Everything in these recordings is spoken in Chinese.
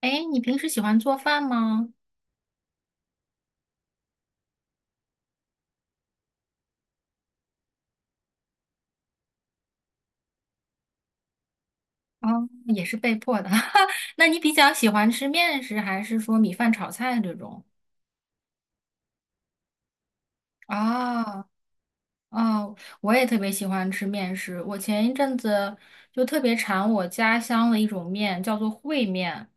哎，你平时喜欢做饭吗？哦，也是被迫的。那你比较喜欢吃面食，还是说米饭炒菜这种？啊？哦，我也特别喜欢吃面食。我前一阵子就特别馋我家乡的一种面，叫做烩面。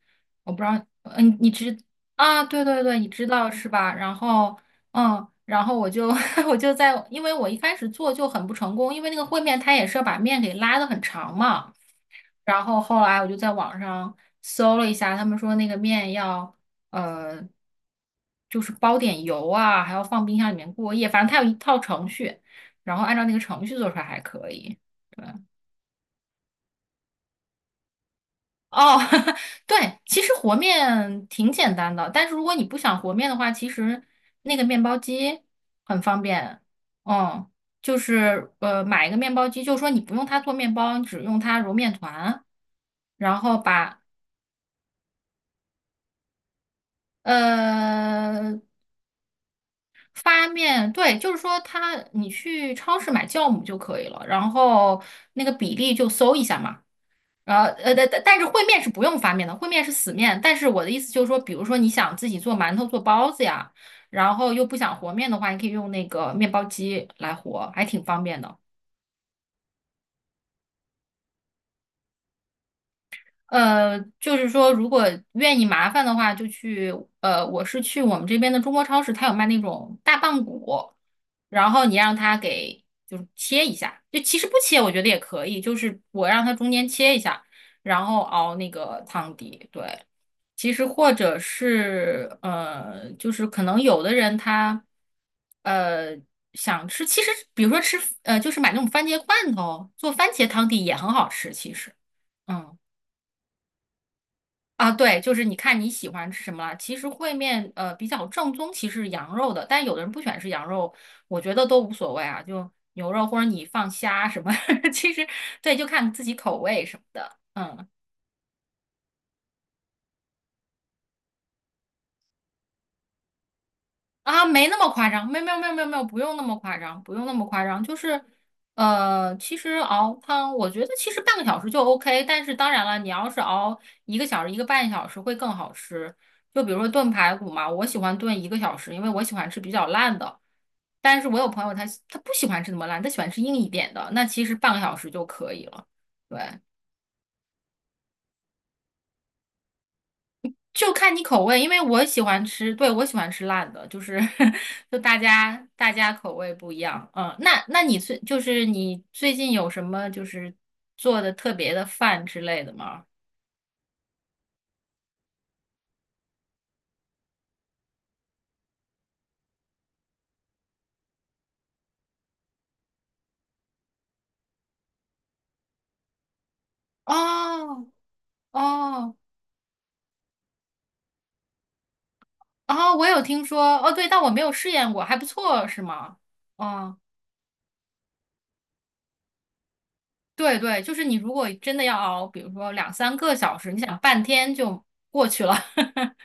我不知道，嗯，你知啊？对对对，你知道是吧？然后，嗯，然后我就 我就在，因为我一开始做就很不成功，因为那个烩面它也是要把面给拉的很长嘛。然后后来我就在网上搜了一下，他们说那个面要呃，就是包点油啊，还要放冰箱里面过夜，反正它有一套程序。然后按照那个程序做出来还可以。对，哦，对，其实和面挺简单的，但是如果你不想和面的话，其实那个面包机很方便。嗯，就是,买一个面包机，就是说你不用它做面包，你只用它揉面团，然后把呃发面，对，就是说它你去超市买酵母就可以了，然后那个比例就搜一下嘛。然后,但是烩面是不用发面的，烩面是死面。但是我的意思就是说，比如说你想自己做馒头、做包子呀，然后又不想和面的话，你可以用那个面包机来和，还挺方便的。呃，就是说如果愿意麻烦的话，就去呃，我是去我们这边的中国超市，它有卖那种大棒骨，然后你让它给就是切一下，就其实不切我觉得也可以，就是我让它中间切一下，然后熬那个汤底，对。其实或者是呃，就是可能有的人他呃想吃，其实比如说吃呃，就是买那种番茄罐头做番茄汤底也很好吃，其实。嗯啊，对，就是你看你喜欢吃什么了。其实烩面比较正宗，其实是羊肉的，但有的人不喜欢吃羊肉，我觉得都无所谓啊，就牛肉或者你放虾什么，其实对，就看自己口味什么的。嗯。啊，没那么夸张，没有没有没有没有没有，不用那么夸张，不用那么夸张，就是，呃，其实熬汤，我觉得其实半个小时就 OK,但是当然了，你要是熬1个小时、1个半小时会更好吃。就比如说炖排骨嘛，我喜欢炖一个小时，因为我喜欢吃比较烂的，但是我有朋友他不喜欢吃那么烂，他喜欢吃硬一点的，那其实半个小时就可以了。对。就看你口味，因为我喜欢吃，对，我喜欢吃辣的，就是 就大家口味不一样，嗯，那那你最近有什么就是做的特别的饭之类的吗？哦哦哦，我有听说，哦对，但我没有试验过，还不错是吗？哦，对对，就是你如果真的要熬，比如说2、3个小时，你想半天就过去了。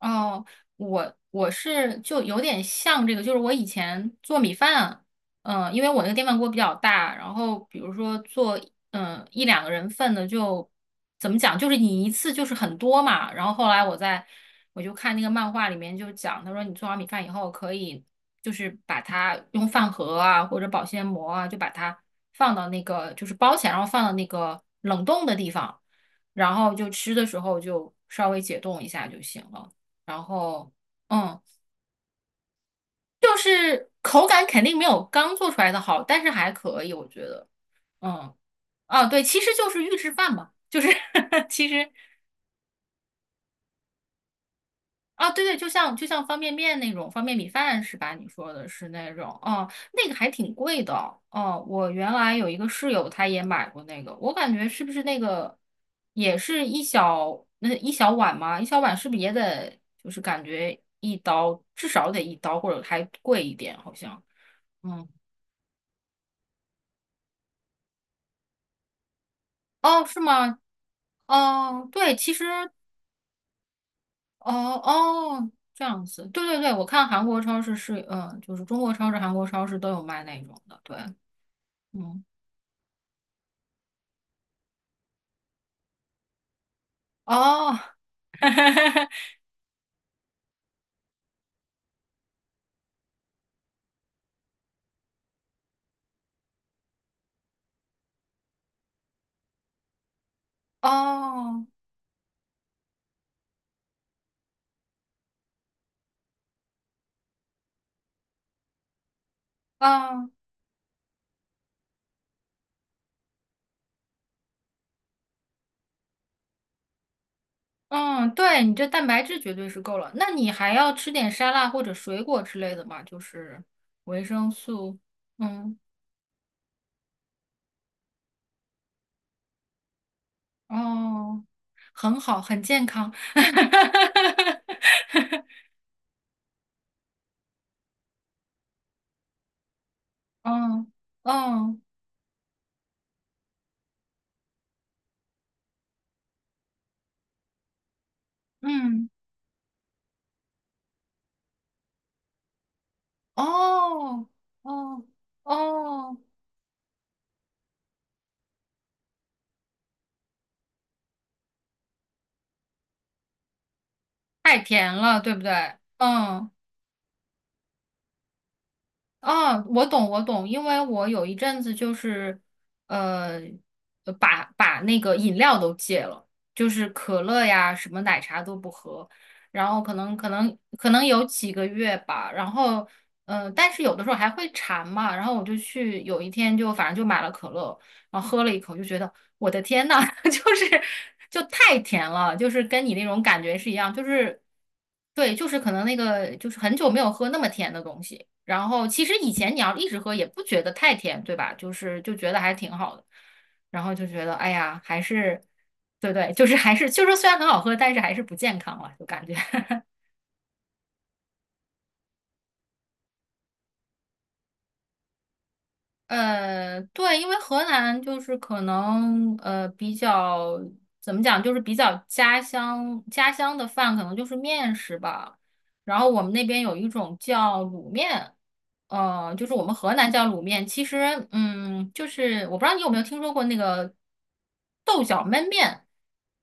哦，我是就有点像这个，就是我以前做米饭，嗯、因为我那个电饭锅比较大，然后比如说做嗯、1、2个人份的就怎么讲，就是你一次就是很多嘛。然后后来我在我就看那个漫画里面就讲，他说你做完米饭以后可以就是把它用饭盒啊或者保鲜膜啊就把它放到那个就是包起来，然后放到那个冷冻的地方，然后就吃的时候就稍微解冻一下就行了。然后，嗯，就是口感肯定没有刚做出来的好，但是还可以，我觉得。嗯，啊，对，其实就是预制饭嘛，就是 其实啊，对对，就像就像方便面那种方便米饭是吧？你说的是那种，哦、那个还挺贵的。哦、我原来有一个室友，他也买过那个，我感觉是不是那个也是一小那一小碗嘛？一小碗是不是也得就是感觉一刀至少得一刀或者还贵一点，好像。嗯，哦，是吗？哦，对，其实，哦哦，这样子，对对对，我看韩国超市是，嗯，就是中国超市、韩国超市都有卖那种的，对，嗯，哦，哦，哦，嗯，对，你这蛋白质绝对是够了，那你还要吃点沙拉或者水果之类的嘛，就是维生素，嗯，哦，很好，很健康，嗯嗯嗯。哦，哦，哦，太甜了，对不对？嗯，哦，我懂，我懂，因为我有一阵子就是，呃，呃把那个饮料都戒了，就是可乐呀，什么奶茶都不喝，然后可能有几个月吧，然后嗯，呃，但是有的时候还会馋嘛，然后我就去有一天就反正就买了可乐。然后喝了一口，就觉得我的天呐，就是就太甜了，就是跟你那种感觉是一样，就是对，就是可能那个就是很久没有喝那么甜的东西。然后其实以前你要一直喝也不觉得太甜，对吧？就是就觉得还挺好的，然后就觉得哎呀，还是对对，就是还是就是虽然很好喝，但是还是不健康了，就感觉。呃，对，因为河南就是可能比较怎么讲，就是比较家乡的饭可能就是面食吧。然后我们那边有一种叫卤面，呃，就是我们河南叫卤面。其实，嗯，就是我不知道你有没有听说过那个豆角焖面，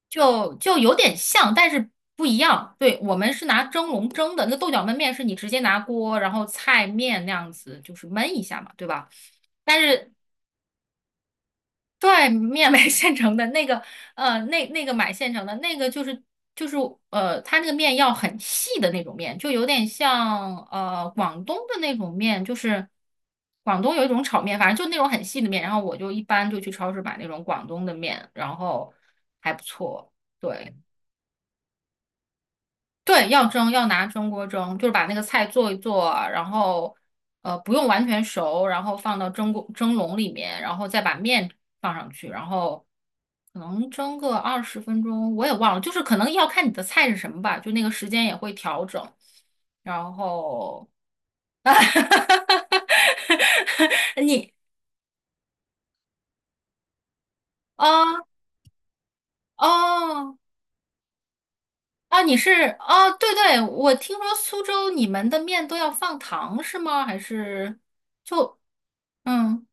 就就有点像，但是不一样。对，我们是拿蒸笼蒸的，那个豆角焖面是你直接拿锅，然后菜面那样子，就是焖一下嘛，对吧？但是对面买现成的那个，呃，那那个买现成的那个就是就是呃，它那个面要很细的那种面，就有点像呃广东的那种面，就是广东有一种炒面，反正就那种很细的面。然后我就一般就去超市买那种广东的面，然后还不错，对。对，要蒸，要拿蒸锅蒸，就是把那个菜做一做，然后呃不用完全熟，然后放到蒸锅蒸笼里面，然后再把面放上去，然后可能蒸个20分钟，我也忘了，就是可能要看你的菜是什么吧，就那个时间也会调整。然后，你啊哦啊，你是啊，对对，我听说苏州你们的面都要放糖是吗？还是不？嗯。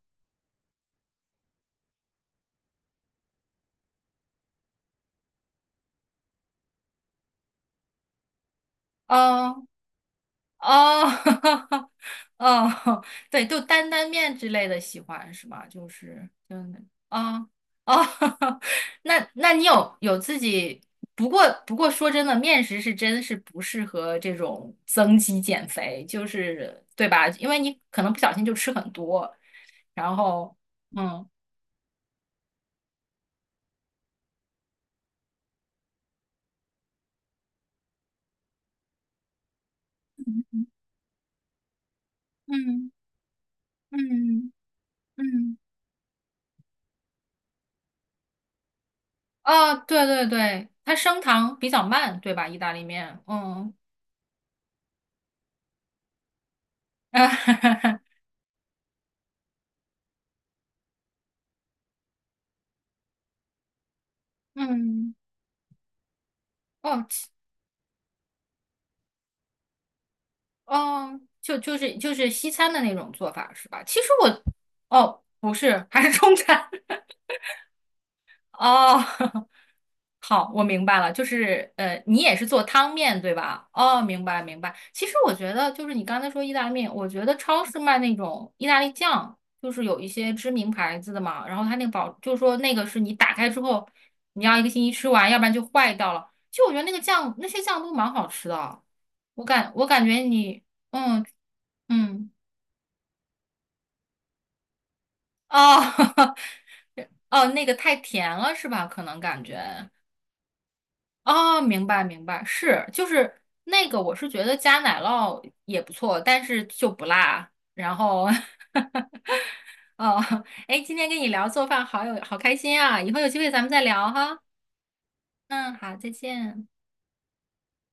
啊。哦，哦，对，就担担面之类的喜欢是吧？就是真的，啊啊哦，那那你有自己？不过说真的，面食是真是不适合这种增肌减肥，就是对吧？因为你可能不小心就吃很多，然后嗯嗯嗯嗯，哦，对对对，它升糖比较慢，对吧？意大利面，嗯。嗯，哦，哦，就是西餐的那种做法是吧？其实我，哦，不是，还是中餐 哦。好，我明白了，就是呃，你也是做汤面对吧？哦，明白明白。其实我觉得就是你刚才说意大利面，我觉得超市卖那种意大利酱，就是有一些知名牌子的嘛，然后它那个保，就是说那个是你打开之后，你要1个星期吃完，要不然就坏掉了。其实我觉得那个酱，那些酱都蛮好吃的啊，我感觉你，嗯嗯。哦，哦，那个太甜了是吧？可能感觉哦，明白明白，是就是那个，我是觉得加奶酪也不错，但是就不辣。然后，哦，哎，今天跟你聊做饭好有好开心啊！以后有机会咱们再聊哈。嗯，好，再见。